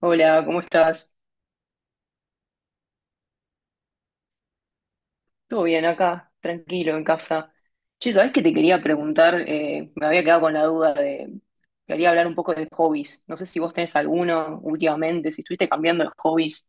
Hola, ¿cómo estás? ¿Todo bien acá? Tranquilo, en casa. Che, ¿sabés que te quería preguntar? Me había quedado con la duda de... Quería hablar un poco de hobbies. No sé si vos tenés alguno últimamente, si estuviste cambiando los hobbies.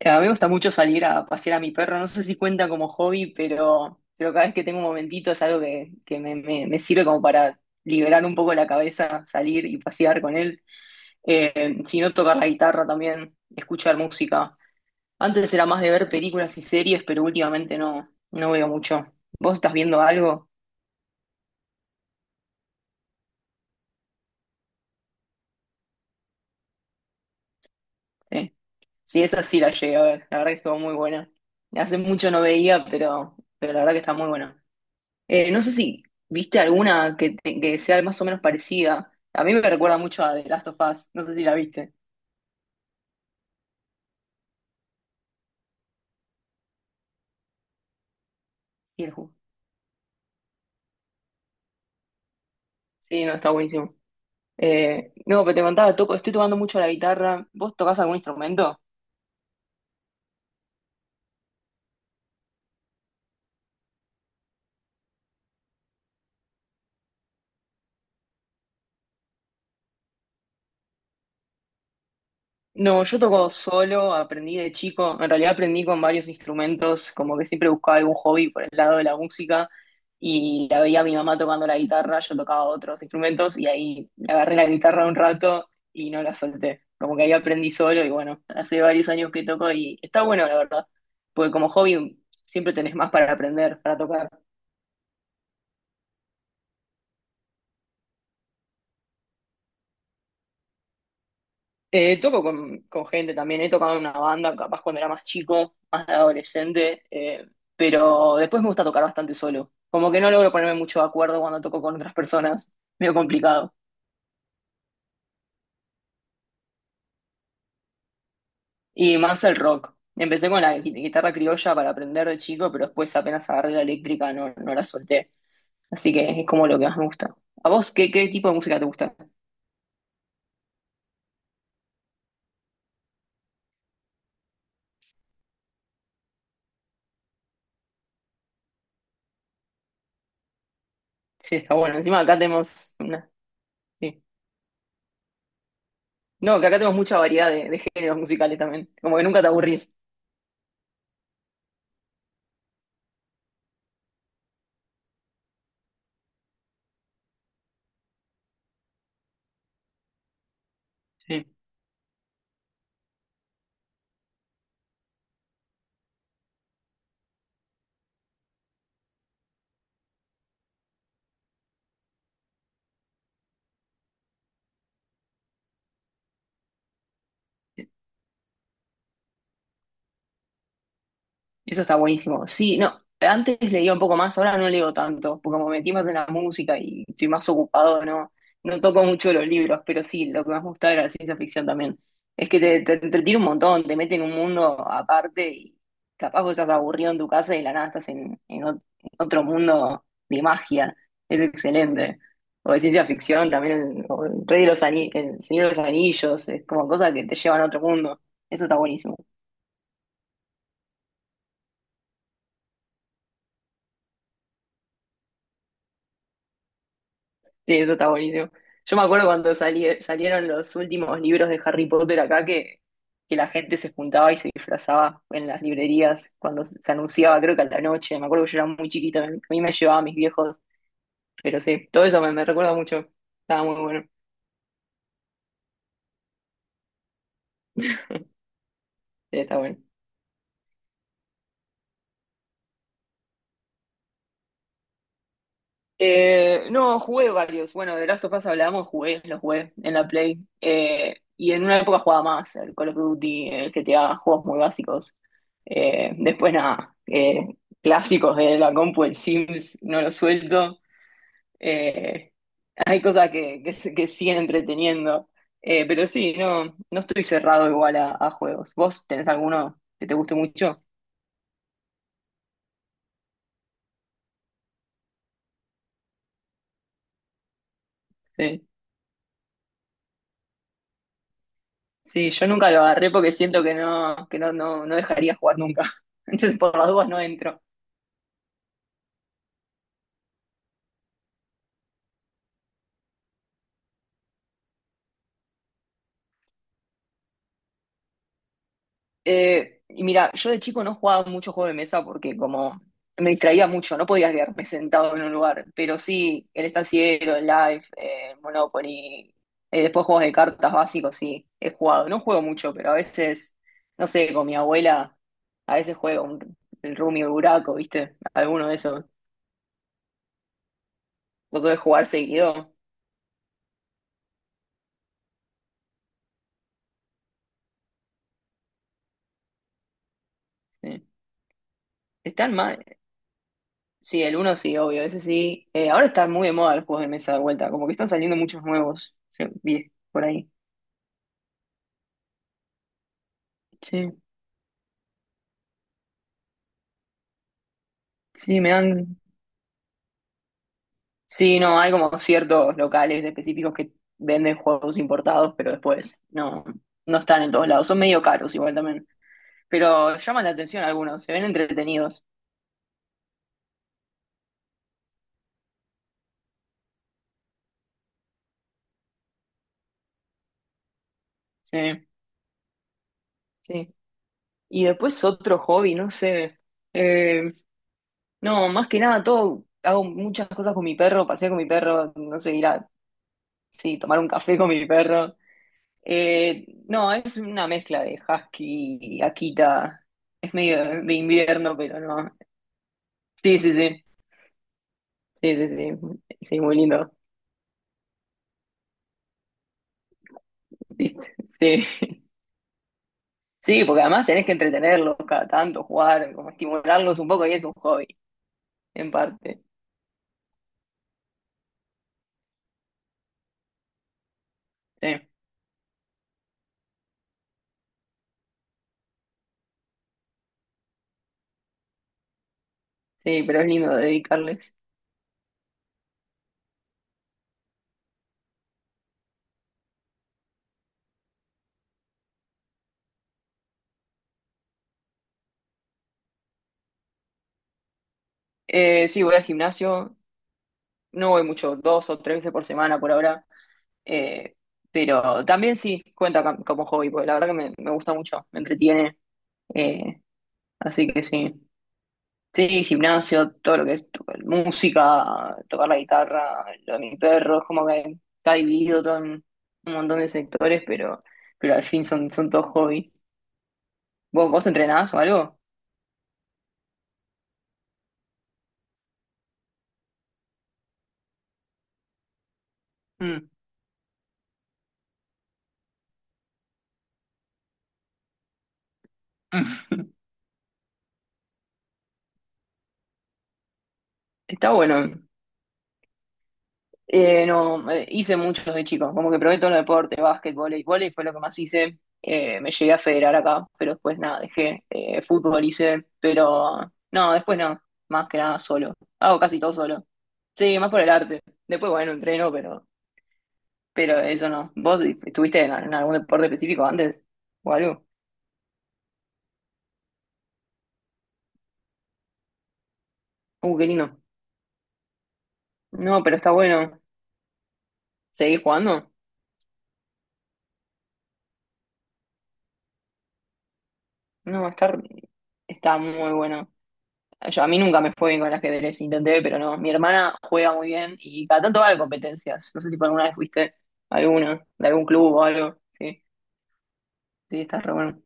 A mí me gusta mucho salir a pasear a mi perro. No sé si cuenta como hobby, pero cada vez que tengo un momentito es algo me sirve como para liberar un poco la cabeza, salir y pasear con él. Si no, tocar la guitarra también, escuchar música. Antes era más de ver películas y series, pero últimamente no, no veo mucho. ¿Vos estás viendo algo? Sí, sí, esa sí la llegué a ver. La verdad que estuvo muy buena. Hace mucho no veía, pero la verdad que está muy buena. No sé si viste alguna que sea más o menos parecida. A mí me recuerda mucho a The Last of Us. No sé si la viste. Sí, el ju- sí, no, está buenísimo. No, pero te contaba, toco, estoy tocando mucho la guitarra. ¿Vos tocás algún instrumento? No, yo toco solo, aprendí de chico, en realidad aprendí con varios instrumentos, como que siempre buscaba algún hobby por el lado de la música y la veía a mi mamá tocando la guitarra, yo tocaba otros instrumentos y ahí le agarré la guitarra un rato y no la solté, como que ahí aprendí solo y bueno, hace varios años que toco y está bueno la verdad, porque como hobby siempre tenés más para aprender, para tocar. Toco con gente también, he tocado en una banda, capaz cuando era más chico, más adolescente, pero después me gusta tocar bastante solo. Como que no logro ponerme mucho de acuerdo cuando toco con otras personas, medio complicado. Y más el rock. Empecé con la guitarra criolla para aprender de chico, pero después apenas agarré la eléctrica no, no la solté. Así que es como lo que más me gusta. ¿A vos qué, qué tipo de música te gusta? Sí, está bueno. Encima acá tenemos una... sí. No, que acá tenemos mucha variedad de géneros musicales también. Como que nunca te aburrís. Sí. Eso está buenísimo. Sí, no, antes leía un poco más, ahora no leo tanto, porque como me metí más en la música y estoy más ocupado, no, no toco mucho los libros, pero sí, lo que más me gusta era la ciencia ficción también. Es que te entretiene un montón, te mete en un mundo aparte y capaz vos estás aburrido en tu casa y de la nada estás en otro mundo de magia. Es excelente. O de ciencia ficción también, el, o el Rey de los Ani- el Señor de los Anillos, es como cosas que te llevan a otro mundo. Eso está buenísimo. Sí, eso está buenísimo. Yo me acuerdo cuando salieron los últimos libros de Harry Potter acá que la gente se juntaba y se disfrazaba en las librerías cuando se anunciaba, creo que a la noche. Me acuerdo que yo era muy chiquita, a mí me llevaban mis viejos, pero sí, todo eso me, me recuerda mucho. Estaba muy bueno. Sí, está bueno. No, jugué varios. Bueno, de Last of Us hablamos, jugué, los jugué en la Play. Y en una época jugaba más, el Call of Duty, el GTA, juegos muy básicos. Después nada, clásicos de la compu, el Sims, no lo suelto. Eh, Hay cosas que siguen entreteniendo. Pero sí, no, no estoy cerrado igual a juegos. ¿Vos tenés alguno que te guste mucho? Sí. Sí, yo nunca lo agarré porque siento que no, no, no dejaría jugar nunca. Entonces, por las dudas no entro. Y mira, yo de chico no jugaba mucho juego de mesa porque como me distraía mucho, no podía quedarme sentado en un lugar. Pero sí, el estanciero, el Life, el Monopoly, después juegos de cartas básicos, sí, he jugado. No juego mucho, pero a veces, no sé, con mi abuela, a veces juego un, el Rummy o el Buraco, ¿viste? Alguno de esos. Vos podés jugar seguido. Sí. Están mal, sí, el uno sí, obvio, ese sí. Ahora están muy de moda los juegos de mesa de vuelta, como que están saliendo muchos nuevos, sí, vi por ahí. Sí, sí, me dan... Sí, no, hay como ciertos locales específicos que venden juegos importados, pero después no, no están en todos lados. Son medio caros igual también, pero llaman la atención algunos, se ven entretenidos. Sí, sí. Y después otro hobby, no sé. Eh, no, más que nada, todo, hago muchas cosas con mi perro, paseo con mi perro, no sé, ir a sí, tomar un café con mi perro. No, es una mezcla de husky y Akita. Es medio de invierno, pero no. Sí, sí, sí. Sí, sí, sí. Sí, muy lindo. ¿Viste? Sí. Sí, porque además tenés que entretenerlos cada tanto, jugar, como estimularlos un poco y es un hobby, en parte. Sí, sí, pero es lindo dedicarles. Sí, voy al gimnasio. No voy mucho, dos o tres veces por semana por ahora. eh, pero también sí cuenta como hobby, porque la verdad que me gusta mucho, me entretiene. eh, Así que sí. Sí, gimnasio, todo lo que es música, tocar la guitarra, lo de mi perro, es como que está dividido todo en un montón de sectores, pero al fin son, son todos hobbies. ¿Vos entrenás o algo? Mm. Está bueno. No, hice muchos de chicos, como que probé todos los deportes, básquet, vóley fue lo que más hice. Me llegué a federar acá, pero después nada, dejé. Fútbol hice, pero no, después no, más que nada solo. Hago casi todo solo. Sí, más por el arte. Después, bueno, entreno, pero eso no. ¿Vos estuviste en algún deporte específico antes? ¿O algo? Qué lindo. No, pero está bueno. ¿Seguís jugando? No, está, está muy bueno. Yo, a mí nunca me fue bien con el ajedrez, intenté, pero no. Mi hermana juega muy bien y cada tanto va a competencias. No sé si por alguna vez fuiste a alguna, de algún club o algo. Sí, sí, está re bueno.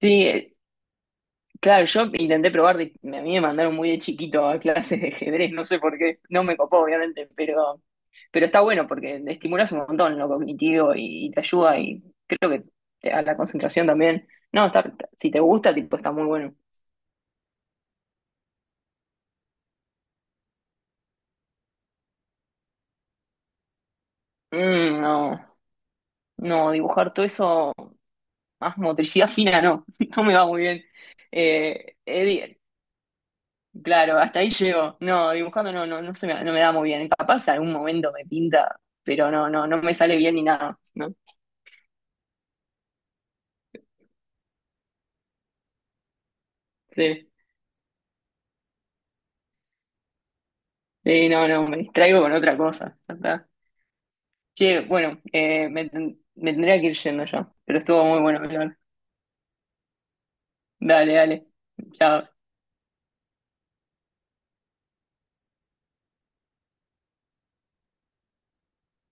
Sí, claro, yo intenté probar, a mí me mandaron muy de chiquito a clases de ajedrez, no sé por qué. No me copó, obviamente, pero está bueno porque te estimulas un montón lo cognitivo y te ayuda y creo que a la concentración también. No, está, si te gusta, tipo, está muy bueno. Mm, no, no, dibujar todo eso, más motricidad fina, no, no me va muy bien. Eh, eh, di- claro, hasta ahí llego. No, dibujando no, no, no se me, no me da muy bien. Capaz algún momento me pinta, pero no, no, no me sale bien ni nada, ¿no? Sí, sí, no, no, me distraigo con otra cosa. Ya está. Che, bueno, me tendría que ir yendo ya, pero estuvo muy bueno, hablar. Dale, dale. Chao.